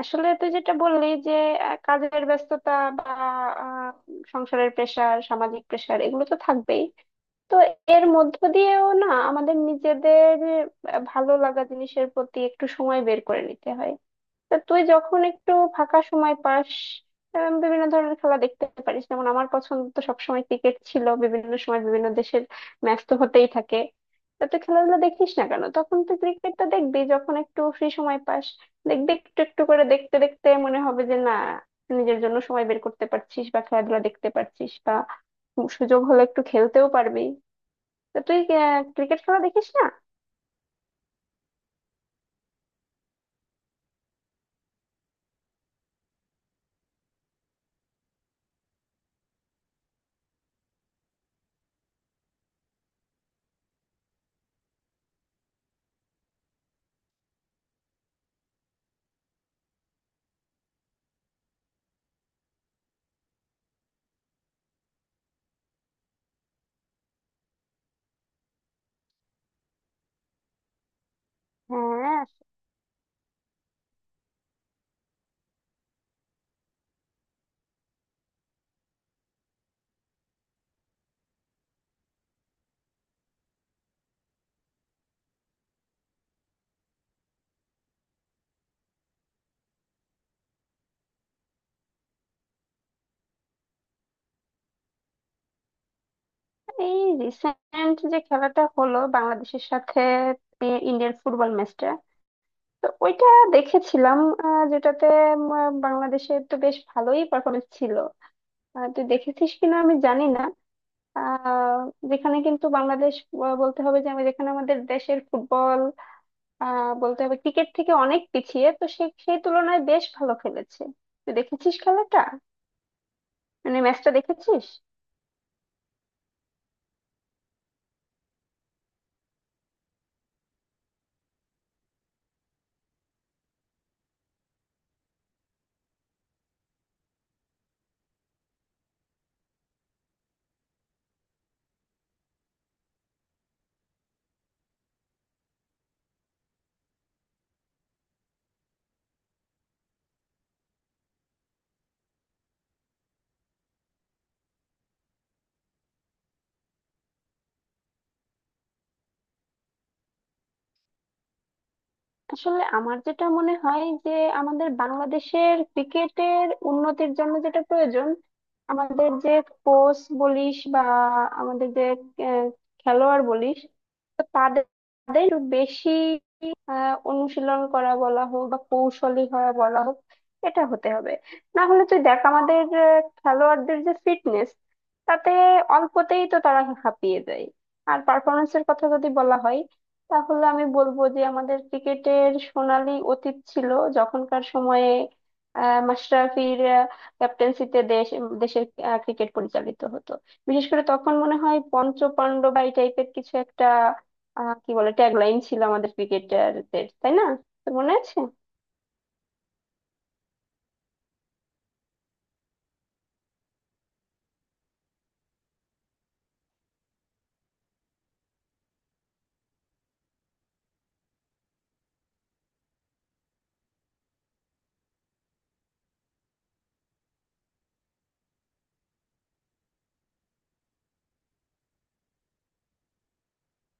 আসলে তুই যেটা বললি যে কাজের ব্যস্ততা বা আহ, সংসারের প্রেশার, সামাজিক প্রেশার এগুলো তো থাকবেই। তো এর মধ্য দিয়েও না আমাদের নিজেদের ভালো লাগা জিনিসের প্রতি একটু সময় বের করে নিতে হয়। তা তুই যখন একটু ফাঁকা সময় পাস, বিভিন্ন ধরনের খেলা দেখতে পারিস। যেমন আমার পছন্দ তো সবসময় ক্রিকেট ছিল, বিভিন্ন সময় বিভিন্ন দেশের ম্যাচ তো হতেই থাকে। তা তুই খেলাধুলা দেখিস না কেন? তখন তুই ক্রিকেটটা দেখবি, যখন একটু ফ্রি সময় পাস দেখবি, একটু একটু করে দেখতে দেখতে মনে হবে যে না, নিজের জন্য সময় বের করতে পারছিস বা খেলাধুলা দেখতে পারছিস, বা সুযোগ হলে একটু খেলতেও পারবি। তা তুই ক্রিকেট খেলা দেখিস না? হ্যাঁ, এই রিসেন্ট যে খেলাটা হলো বাংলাদেশের সাথে ইন্ডিয়ার ফুটবল ম্যাচটা, তো ওইটা দেখেছিলাম, যেটাতে বাংলাদেশের তো বেশ ভালোই পারফরমেন্স ছিল। তুই দেখেছিস কিনা আমি জানি না। আহ, যেখানে কিন্তু বাংলাদেশ, বলতে হবে যে, আমি যেখানে আমাদের দেশের ফুটবল বলতে হবে ক্রিকেট থেকে অনেক পিছিয়ে, তো সেই তুলনায় বেশ ভালো খেলেছে। তুই দেখেছিস খেলাটা, মানে ম্যাচটা দেখেছিস? আসলে আমার যেটা মনে হয় যে, আমাদের বাংলাদেশের ক্রিকেটের উন্নতির জন্য যেটা প্রয়োজন, আমাদের যে কোচ বলিস বা আমাদের যে আহ, খেলোয়াড় বলিস, তো তাদের তাদের একটু বেশি অনুশীলন করা বলা হোক বা কৌশলী হওয়া বলা হোক, এটা হতে হবে। না হলে তুই দেখ, আমাদের খেলোয়াড়দের যে ফিটনেস, তাতে অল্পতেই তো তারা হাঁপিয়ে যায়। আর পারফরমেন্সের কথা যদি বলা হয়, তাহলে আমি বলবো যে আমাদের ক্রিকেটের সোনালী অতীত ছিল, যখনকার সময়ে মাশরাফির ক্যাপ্টেন্সিতে দেশের ক্রিকেট পরিচালিত হতো। বিশেষ করে তখন মনে হয় পঞ্চ পাণ্ডব বা এই টাইপের কিছু একটা কি বলে ট্যাগলাইন ছিল আমাদের ক্রিকেটারদের, তাই না? তোর মনে আছে?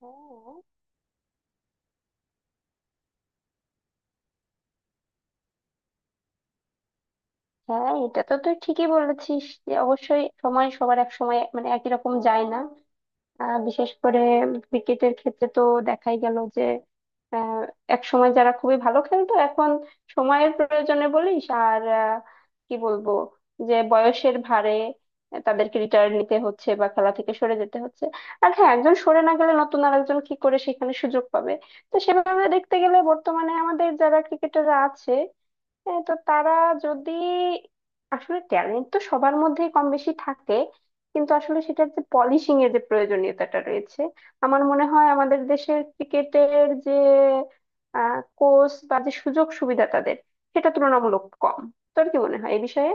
হ্যাঁ। হ্যাঁ, এটা তো তুই ঠিকই বলেছিস যে, অবশ্যই সময় সবার এক সময় মানে একই রকম যায় না। বিশেষ করে ক্রিকেটের ক্ষেত্রে তো দেখাই গেল যে, আহ, এক সময় যারা খুবই ভালো খেলতো, এখন সময়ের প্রয়োজনে বলিস আর কি বলবো, যে বয়সের ভারে তাদেরকে রিটায়ার নিতে হচ্ছে বা খেলা থেকে সরে যেতে হচ্ছে। আর হ্যাঁ, একজন সরে না গেলে নতুন আর একজন কি করে সেখানে সুযোগ পাবে? তো সেভাবে দেখতে গেলে, বর্তমানে আমাদের যারা ক্রিকেটাররা আছে, হ্যাঁ, তো তারা যদি, আসলে ট্যালেন্ট তো সবার মধ্যেই কম বেশি থাকে, কিন্তু আসলে সেটার যে পলিশিং এর যে প্রয়োজনীয়তাটা রয়েছে, আমার মনে হয় আমাদের দেশের ক্রিকেটের যে কোচ বা যে সুযোগ সুবিধা তাদের, সেটা তুলনামূলক কম। তোর কি মনে হয় এই বিষয়ে?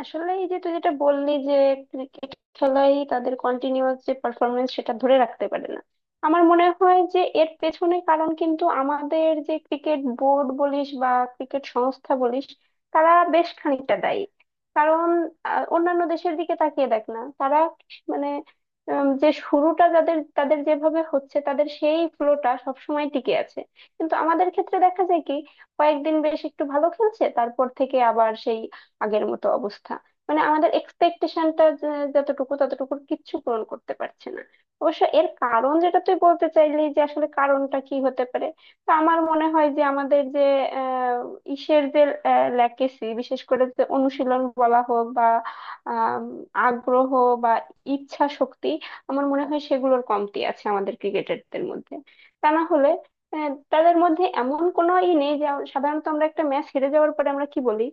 আসলে এই যে তুই যেটা বললি যে ক্রিকেট খেলাই তাদের কন্টিনিউয়াস যে পারফরমেন্স সেটা ধরে রাখতে পারে না, আমার মনে হয় যে এর পেছনে কারণ কিন্তু আমাদের যে ক্রিকেট বোর্ড বলিস বা ক্রিকেট সংস্থা বলিস, তারা বেশ খানিকটা দায়ী। কারণ অন্যান্য দেশের দিকে তাকিয়ে দেখ না, তারা মানে, যে শুরুটা যাদের তাদের যেভাবে হচ্ছে, তাদের সেই ফ্লোটা সবসময় টিকে আছে। কিন্তু আমাদের ক্ষেত্রে দেখা যায় কি, কয়েকদিন বেশ একটু ভালো খেলছে, তারপর থেকে আবার সেই আগের মতো অবস্থা। মানে আমাদের এক্সপেকটেশনটা যতটুকু, ততটুকুর কিচ্ছু পূরণ করতে পারছে না। অবশ্য এর কারণ যেটা তুই বলতে চাইলি, যে আসলে কারণটা কি হতে পারে, তো আমার মনে হয় যে আমাদের যে আহ ইসের যে ল্যাকেসি, বিশেষ করে যে অনুশীলন বলা হোক বা আম, আগ্রহ বা ইচ্ছা শক্তি, আমার মনে হয় সেগুলোর কমতি আছে আমাদের ক্রিকেটারদের মধ্যে। তা না হলে তাদের মধ্যে এমন কোনো ই নেই যে, সাধারণত আমরা একটা ম্যাচ হেরে যাওয়ার পরে আমরা কি বলি?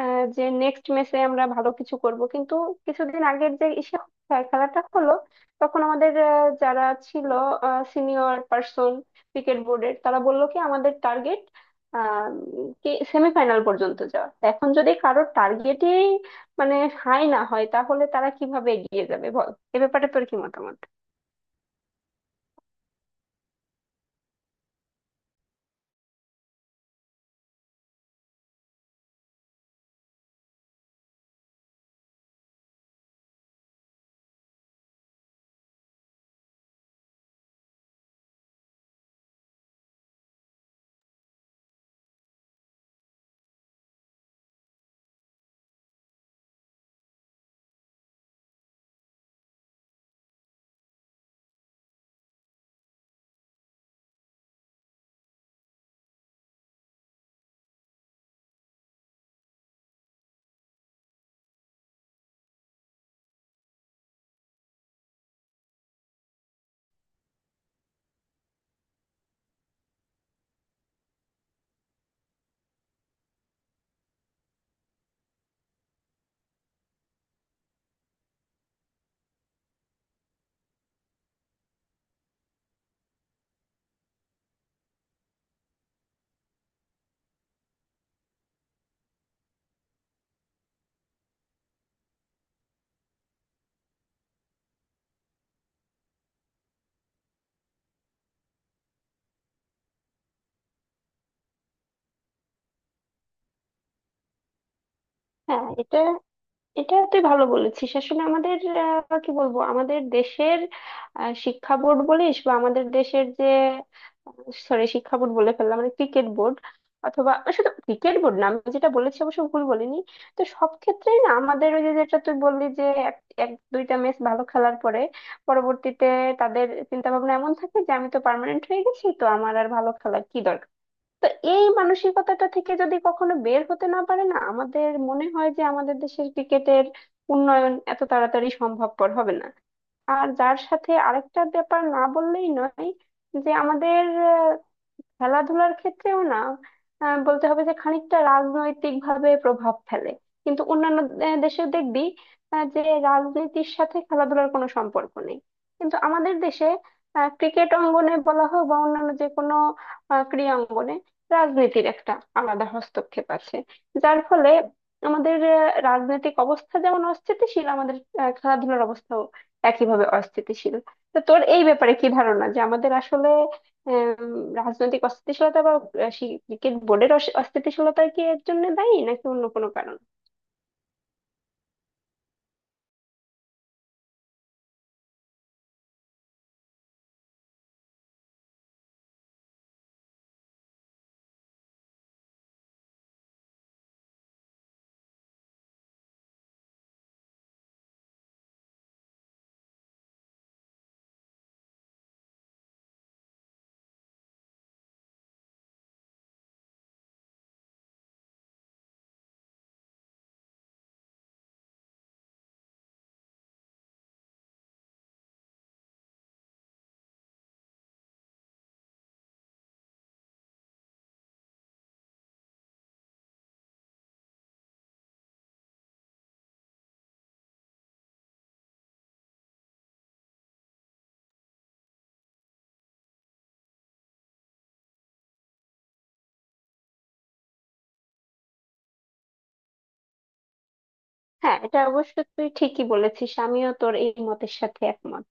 যে নেক্সট ম্যাচে আমরা ভালো কিছু করব, কিন্তু কিছুদিন আগের যে খেলাটা হলো, তখন আমাদের যারা ছিল সিনিয়র পার্সন ক্রিকেট বোর্ডের, তারা বললো কি আমাদের টার্গেট কি, সেমিফাইনাল পর্যন্ত যাওয়া। এখন যদি কারোর টার্গেটই মানে হাই না হয়, তাহলে তারা কিভাবে এগিয়ে যাবে বল? এ ব্যাপারে তোর কি মতামত? হ্যাঁ, এটা এটা তুই ভালো বলেছিস। আসলে আমাদের কি বলবো, আমাদের দেশের শিক্ষা বোর্ড বলিস বা আমাদের দেশের যে, সরি শিক্ষা বোর্ড বলে ফেললাম, মানে ক্রিকেট বোর্ড। অথবা শুধু ক্রিকেট বোর্ড না, আমি যেটা বলেছি অবশ্য ভুল বলিনি। তো সব ক্ষেত্রেই না আমাদের ওই যে, যেটা তুই বললি যে এক এক দুইটা ম্যাচ ভালো খেলার পরে পরবর্তীতে তাদের চিন্তা ভাবনা এমন থাকে যে, আমি তো পার্মানেন্ট হয়ে গেছি, তো আমার আর ভালো খেলার কি দরকার। তো এই মানসিকতাটা থেকে যদি কখনো বের হতে না পারে, না আমাদের মনে হয় যে আমাদের দেশের ক্রিকেটের উন্নয়ন এত তাড়াতাড়ি সম্ভবপর হবে না। আর যার সাথে আরেকটা ব্যাপার না বললেই নয়, যে আমাদের খেলাধুলার ক্ষেত্রেও না, বলতে হবে যে খানিকটা রাজনৈতিক ভাবে প্রভাব ফেলে। কিন্তু অন্যান্য দেশে দেখবি, যে রাজনীতির সাথে খেলাধুলার কোনো সম্পর্ক নেই। কিন্তু আমাদের দেশে ক্রিকেট অঙ্গনে বলা হোক বা অন্যান্য যে কোনো ক্রীড়া অঙ্গনে রাজনীতির একটা আলাদা হস্তক্ষেপ আছে। যার ফলে আমাদের রাজনৈতিক অবস্থা যেমন অস্থিতিশীল, আমাদের খেলাধুলার অবস্থাও একইভাবে অস্থিতিশীল। তো তোর এই ব্যাপারে কি ধারণা, যে আমাদের আসলে আম, রাজনৈতিক অস্থিতিশীলতা বা ক্রিকেট বোর্ডের অস্থিতিশীলতা কি এর জন্য দায়ী, নাকি অন্য কোনো কারণ? হ্যাঁ, এটা অবশ্য তুই ঠিকই বলেছিস, আমিও তোর এই মতের সাথে একমত।